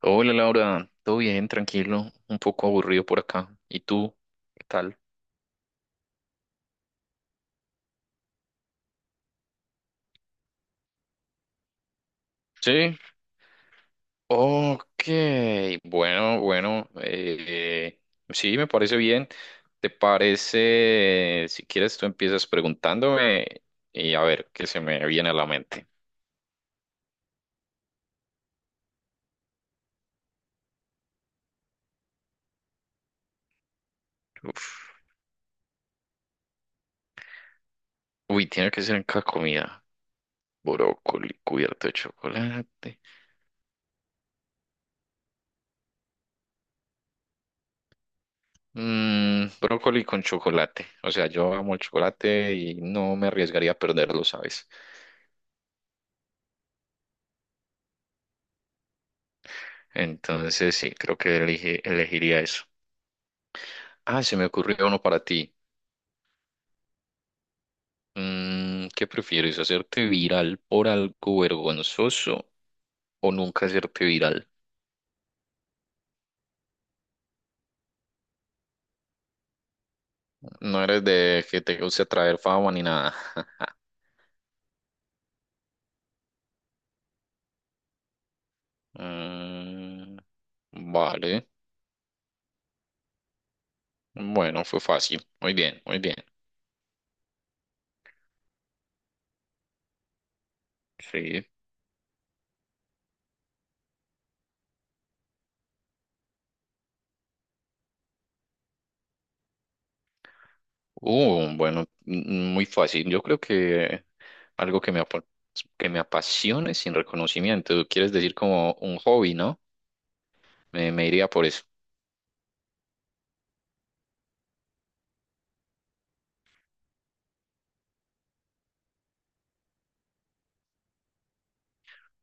Hola Laura, todo bien, tranquilo, un poco aburrido por acá. ¿Y tú? ¿Qué tal? Sí. Ok, bueno, bueno, sí, me parece bien. ¿Te parece, si quieres, tú empiezas preguntándome y a ver qué se me viene a la mente? Uf. Uy, tiene que ser en cada comida. Brócoli cubierto de chocolate. Brócoli con chocolate. O sea, yo amo el chocolate y no me arriesgaría a perderlo, ¿sabes? Entonces, sí, creo que elegiría eso. Ah, se me ocurrió uno para ti. ¿Qué prefieres? ¿Hacerte viral por algo vergonzoso o nunca hacerte viral? No eres de que te guste atraer fama ni nada. Mm, vale. Bueno, fue fácil. Muy bien, muy bien. Sí. Bueno, muy fácil. Yo creo que algo que que me apasione sin reconocimiento. Quieres decir como un hobby, ¿no? Me iría por eso.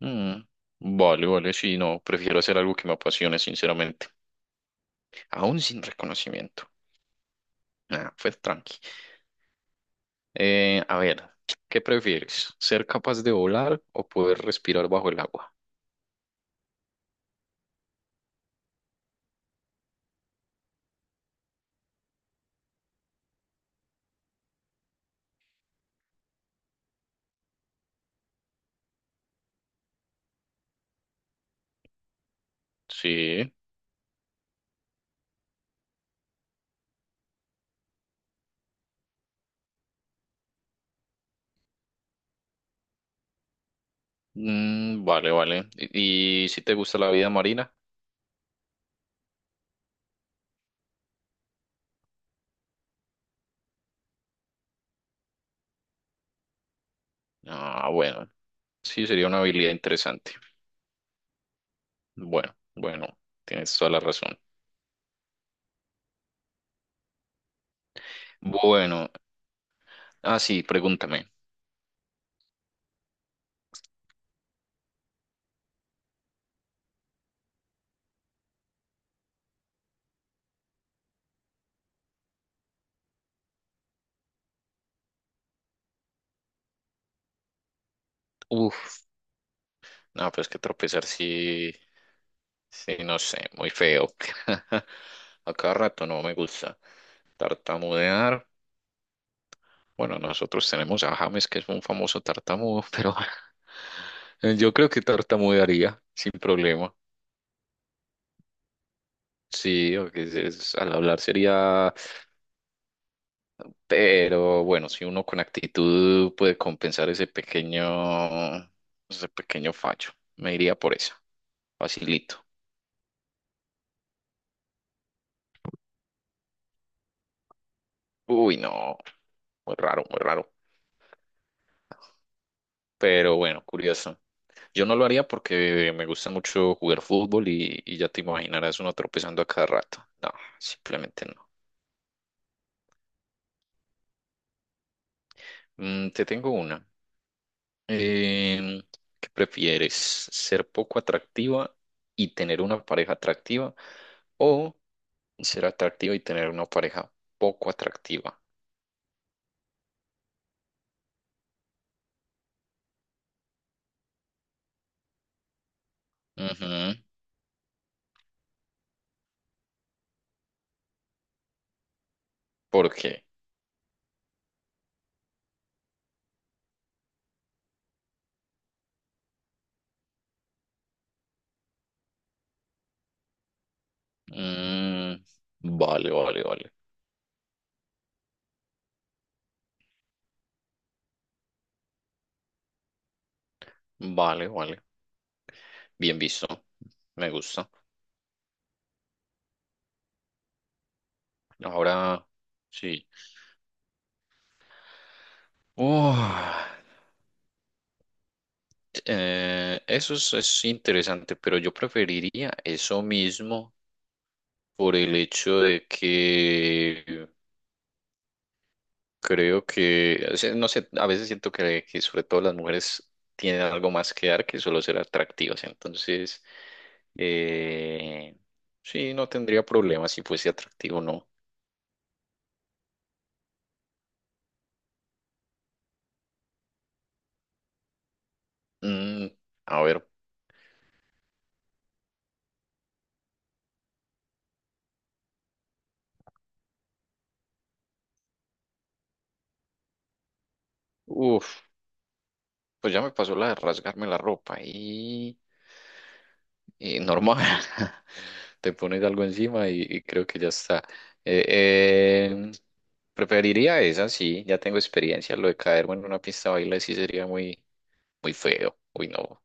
Mm, vale, vale, sí, no, prefiero hacer algo que me apasione, sinceramente. Aún sin reconocimiento. Nah, pues tranqui. A ver, ¿qué prefieres? ¿Ser capaz de volar o poder respirar bajo el agua? Sí. Mm, vale, vale. ¿Y si te gusta la vida marina? Ah, bueno, sí, sería una habilidad interesante. Bueno, bueno, tienes toda la razón. Bueno, ah, sí, pregúntame. Uf, no, pues que tropezar sí, sí, no sé, muy feo. A cada rato no me gusta tartamudear. Bueno, nosotros tenemos a James, que es un famoso tartamudo, pero yo creo que tartamudearía sin problema. Sí, o que al hablar sería... Pero bueno, si uno con actitud puede compensar ese pequeño fallo, me iría por eso. Facilito. Uy, no, muy raro, muy raro. Pero bueno, curioso. Yo no lo haría porque me gusta mucho jugar fútbol y ya te imaginarás uno tropezando a cada rato. No, simplemente no. Te tengo una. Em, ¿qué prefieres? ¿Ser poco atractiva y tener una pareja atractiva o ser atractiva y tener una pareja poco atractiva? Ujú. ¿Por qué? Mm, vale, vale, vale. Vale, vale. Bien visto. Me gusta. Ahora sí. Oh, eso es interesante, pero yo preferiría eso mismo por el hecho de que creo que, o sea, no sé, a veces siento que sobre todo las mujeres tienen algo más que dar que solo ser atractivas. Entonces, eh, sí, no tendría problema si fuese atractivo o no. Mm, a ver, uff, pues ya me pasó la de rasgarme la ropa y normal. Te pones algo encima y creo que ya está. Eh, eh, preferiría esa, sí, ya tengo experiencia. Lo de caerme en una pista de baile sí sería muy, muy feo. Uy, no,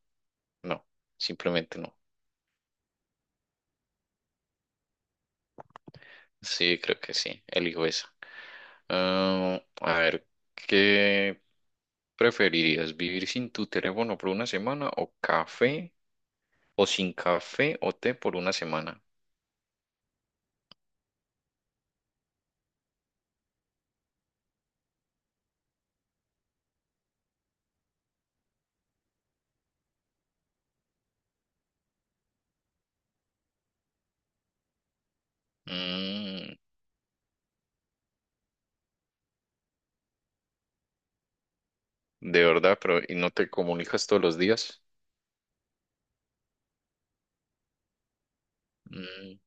no, simplemente no. Sí, creo que sí, elijo esa. Ah, a ver, ¿qué preferirías? ¿Vivir sin tu teléfono por una semana o café? ¿O sin café o té por una semana? Mm, de verdad, pero ¿y no te comunicas todos los días? Mm.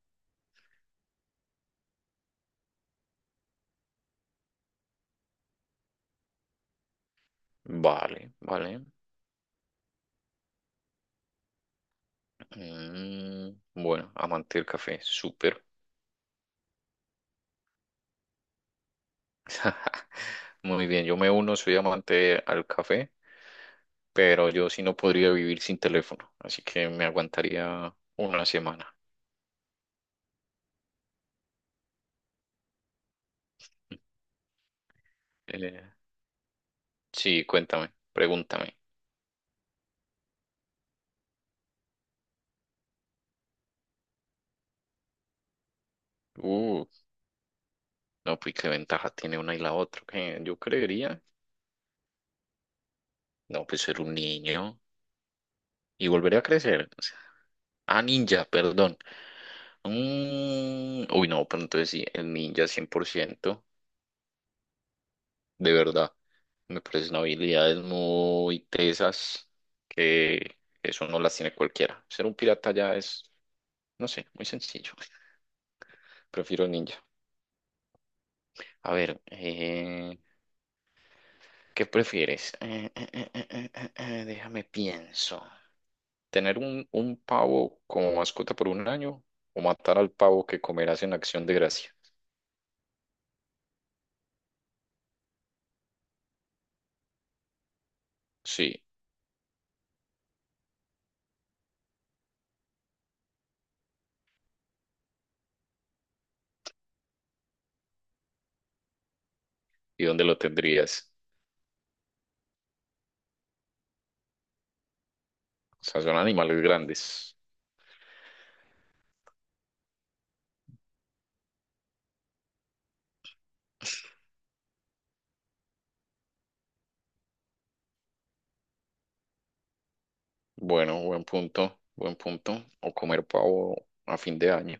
Vale, vale. Bueno, amante del café, súper. Muy bien, yo me uno, soy amante al café, pero yo sí no podría vivir sin teléfono, así que me aguantaría una semana. Eh, sí, cuéntame, pregúntame. Uh, no, pues qué ventaja tiene una y la otra. ¿Qué? Yo creería, no, pues ser un niño y volver a crecer. O sea, ah, ninja, perdón. Uy, no, pero entonces sí, el ninja 100% de verdad. Me parecen habilidades muy tesas que eso no las tiene cualquiera. Ser un pirata ya es, no sé, muy sencillo. Prefiero ninja. A ver, ¿qué prefieres? Déjame pienso. ¿Tener un pavo como mascota por un año o matar al pavo que comerás en Acción de Gracia? Sí. ¿Y dónde lo tendrías? O sea, son animales grandes. Bueno, buen punto, buen punto. O comer pavo a fin de año.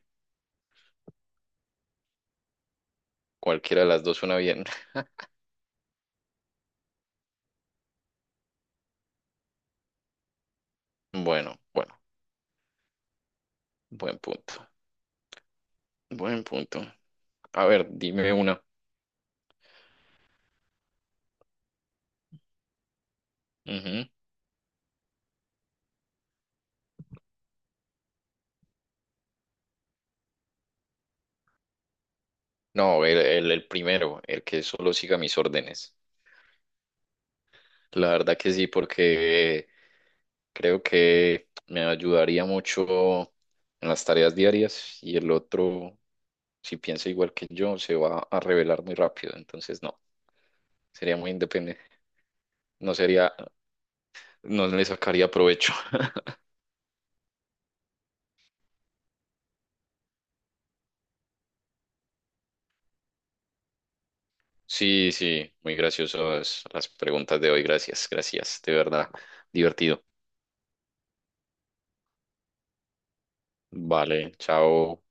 Cualquiera de las dos suena bien. Bueno, bueno, buen punto. Buen punto. A ver, dime una. Ujú. No, el primero, el que solo siga mis órdenes. La verdad que sí, porque creo que me ayudaría mucho en las tareas diarias y el otro, si piensa igual que yo, se va a revelar muy rápido. Entonces, no, sería muy independiente. No sería. No le sacaría provecho. Sí, sí, muy graciosas las preguntas de hoy. Gracias, gracias, de verdad, divertido. Vale, chao.